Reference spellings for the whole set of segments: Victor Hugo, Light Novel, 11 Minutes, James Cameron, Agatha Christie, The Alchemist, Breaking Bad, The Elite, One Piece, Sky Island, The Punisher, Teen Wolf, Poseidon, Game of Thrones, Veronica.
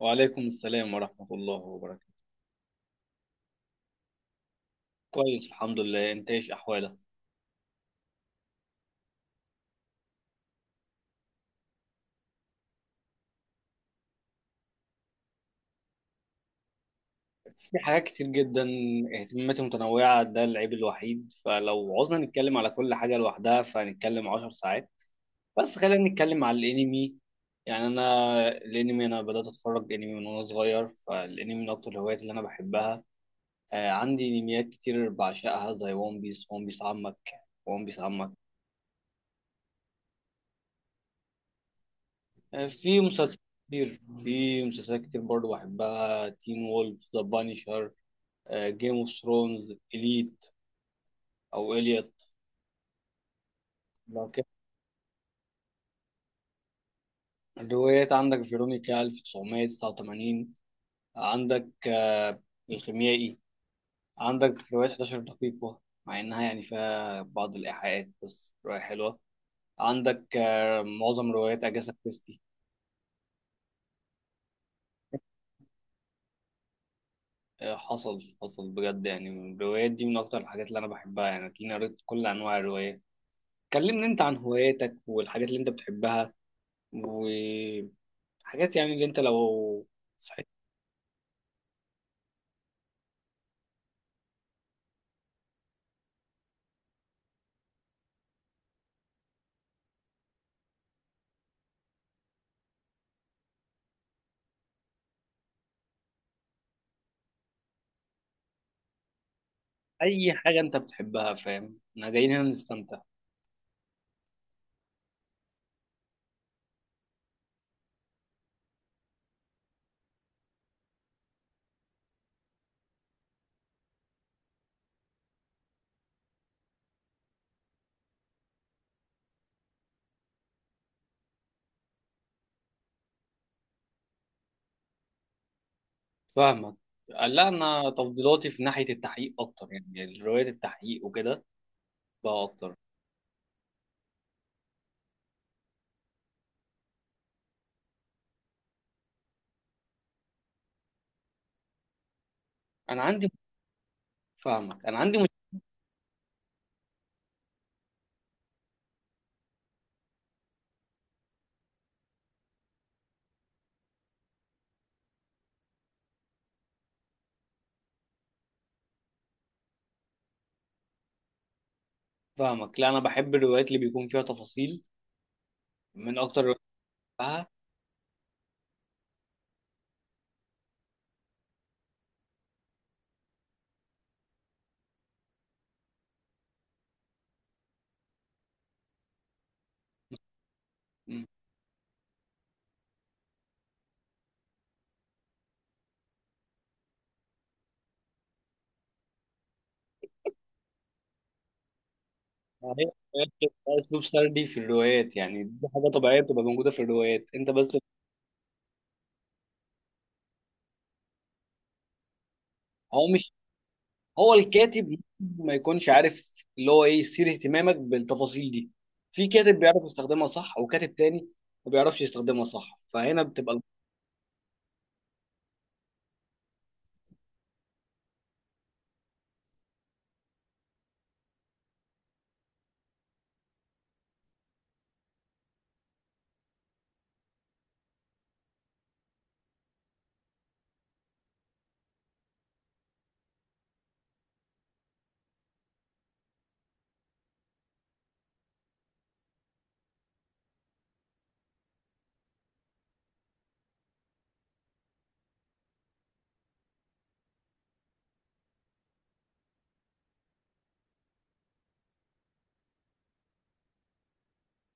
وعليكم السلام ورحمة الله وبركاته. كويس، الحمد لله، انت ايش احوالك؟ في حاجات كتير جدا، اهتماماتي متنوعة، ده العيب الوحيد، فلو عوزنا نتكلم على كل حاجة لوحدها فهنتكلم 10 ساعات. بس خلينا نتكلم على الانمي. يعني انا بدأت اتفرج انمي من وانا صغير، فالانمي من اكتر الهوايات اللي انا بحبها. آه، عندي انميات كتير بعشقها زي ون بيس. ون بيس عمك، ون بيس عمك. آه، في مسلسلات كتير برضه بحبها: تين وولف، ذا بانيشر، جيم اوف ثرونز، اليت او اليت لو كده. روايات: عندك فيرونيكا 1989، عندك الخيميائي، عندك رواية 11 دقيقة، مع إنها يعني فيها بعض الإيحاءات بس رواية حلوة. عندك معظم روايات أجاثا كريستي. حصل بجد، يعني الروايات دي من أكتر الحاجات اللي أنا بحبها، يعني تلاقيني قريت كل أنواع الروايات. كلمني أنت عن هواياتك والحاجات اللي أنت بتحبها، وحاجات يعني اللي أنت لو في اي حاجه انت بتحبها، فاهم؟ احنا جايين هنا نستمتع. فاهمك. لا، انا تفضيلاتي في ناحيه التحقيق اكتر، يعني روايه التحقيق وكده، ده اكتر. انا عندي فاهمك، انا عندي مش فاهمك. لا، انا بحب الروايات اللي بيكون فيها تفاصيل، من اكتر الروايات اللي بحبها. مم. هي الروايات بتبقى اسلوب سردي في الروايات، يعني دي حاجه طبيعيه بتبقى موجوده في الروايات، انت بس. هو مش هو الكاتب ممكن ما يكونش عارف اللي هو ايه يثير اهتمامك بالتفاصيل دي. في كاتب بيعرف يستخدمها صح وكاتب تاني ما بيعرفش يستخدمها صح، فهنا بتبقى.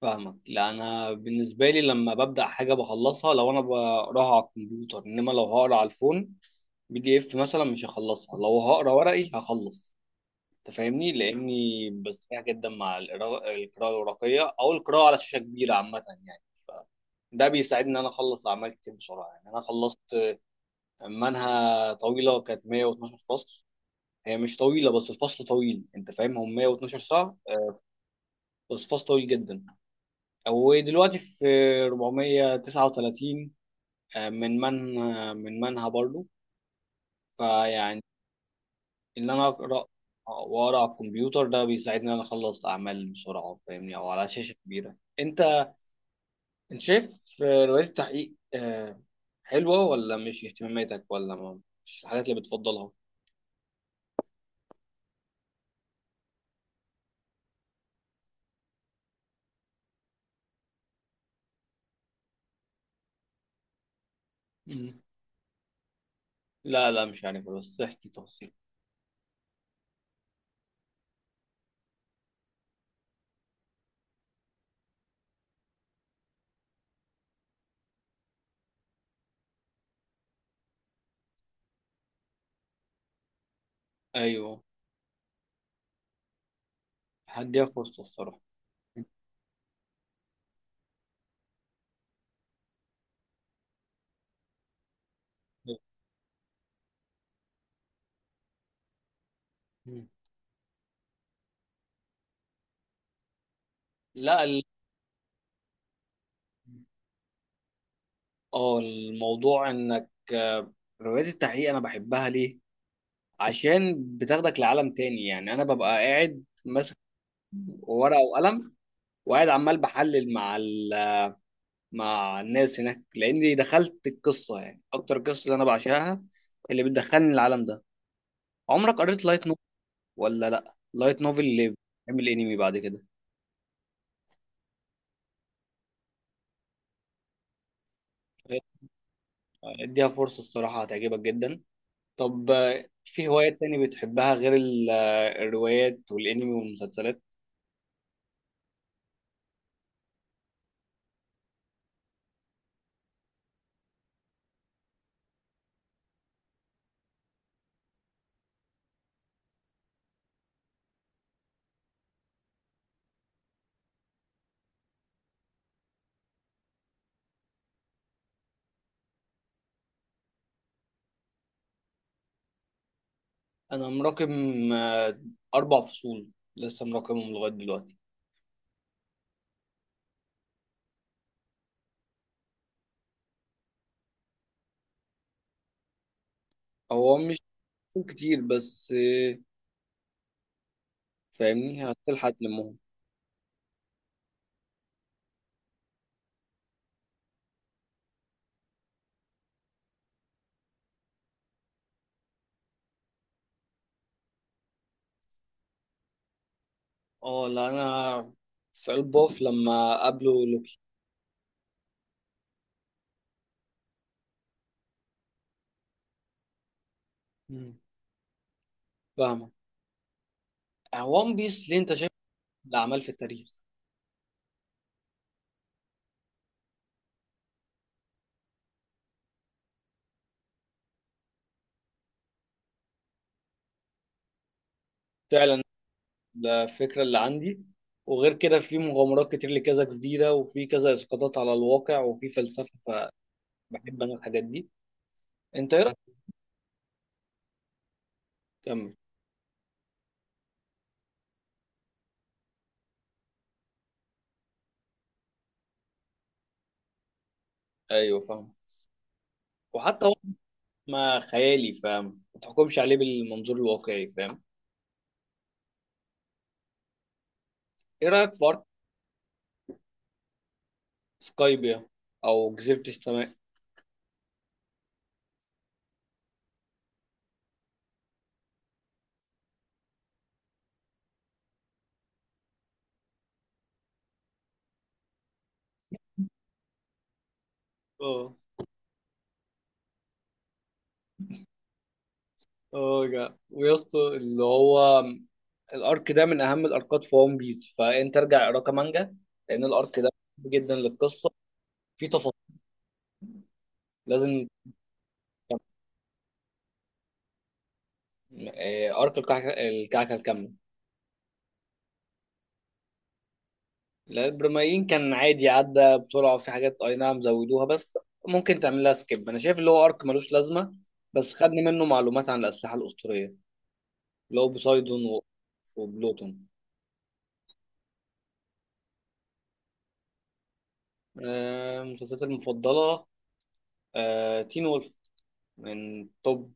فاهمك. لا، انا بالنسبه لي لما ببدا حاجه بخلصها. لو انا بقراها على الكمبيوتر انما لو هقرا على الفون، PDF مثلا، مش هخلصها. لو هقرا ورقي هخلص، انت فاهمني، لاني بستمتع جدا مع القراءه الورقيه او القراءه على شاشه كبيره عامه يعني. ف- ده بيساعدني ان انا اخلص اعمال كتير بسرعه، يعني انا خلصت منها طويلة كانت 112 فصل. هي مش طويلة بس الفصل طويل، انت فاهم، هم 112 ساعة. بس فصل طويل جدا. ودلوقتي في 439، من منها برضو. فيعني ان انا اقرا واقرا على الكمبيوتر، ده بيساعدني ان انا اخلص اعمال بسرعة، فاهمني، او على شاشة كبيرة. انت شايف روايات التحقيق حلوة ولا مش اهتماماتك ولا ما، مش الحاجات اللي بتفضلها؟ مم. لا لا، مش عارف، بس احكي تفاصيل. ايوه، حد ياخد فرصته الصراحه. مم. لا، اه الموضوع انك روايات التحقيق انا بحبها ليه؟ عشان بتاخدك لعالم تاني، يعني انا ببقى قاعد ماسك ورقه وقلم، وقاعد عمال بحلل مع مع الناس هناك، لاني دخلت القصه. يعني اكتر قصه اللي انا بعشقها اللي بتدخلني العالم ده. عمرك قريت لايت نوفل ولا لا؟ لايت نوفل اللي بيعمل انمي بعد كده، اديها فرصه الصراحه هتعجبك جدا. طب في هوايات تاني بتحبها غير الروايات والانمي والمسلسلات؟ انا مراكم آه، 4 فصول، لسه مراكمهم لغايه دلوقتي. هو مش فصول كتير بس فاهمني هتلحق تلمهم. اه، لا انا في البوف لما قابله لوكي. مم. فاهمة. وان بيس ليه انت شايف الأعمال في التاريخ؟ فعلا، ده الفكرة اللي عندي، وغير كده في مغامرات كتير لكذا جزيرة، وفي كذا إسقاطات على الواقع وفي فلسفة، فبحب أنا الحاجات دي. انت ايه رايك؟ كمل. ايوه فاهم. وحتى هو ما خيالي، فاهم، ما تحكمش عليه بالمنظور الواقعي، فاهم. ايه رايك في ارض سكايبيا او جزيره السماء؟ اه. اه، جا ويا اسطى اللي هو الارك ده من اهم الاركات في ون بيس، فانت ارجع اقرا مانجا، لان الارك ده مهم جدا للقصه، في تفاصيل لازم تفهم. ارك الكعكه الكامله. لا، البرمائيين كان عادي، عدى بسرعة، في حاجات أي نعم زودوها بس ممكن تعمل لها سكيب، أنا شايف اللي هو أرك ملوش لازمة، بس خدني منه معلومات عن الأسلحة الأسطورية اللي هو بوسايدون وبلوتون. مسلسلاتي المفضلة: تين وولف من توب.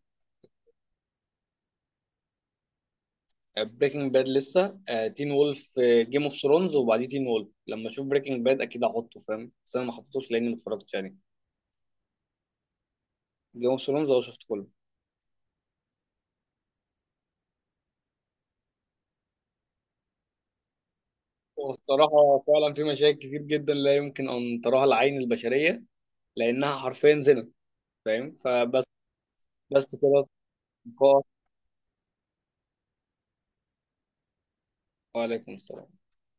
بريكنج باد لسه. تين وولف، جيم اوف ثرونز، وبعديه تين وولف. لما أشوف بريكنج باد أكيد هحطه، فاهم، بس أنا ما حطيتوش لأني ما اتفرجتش يعني. جيم اوف ثرونز أه شفته كله. وبصراحة فعلا في مشاكل كتير جدا لا يمكن أن تراها العين البشرية، لأنها حرفيا زنا، فاهم، فبس. بس كده. لقاء. وعليكم السلام.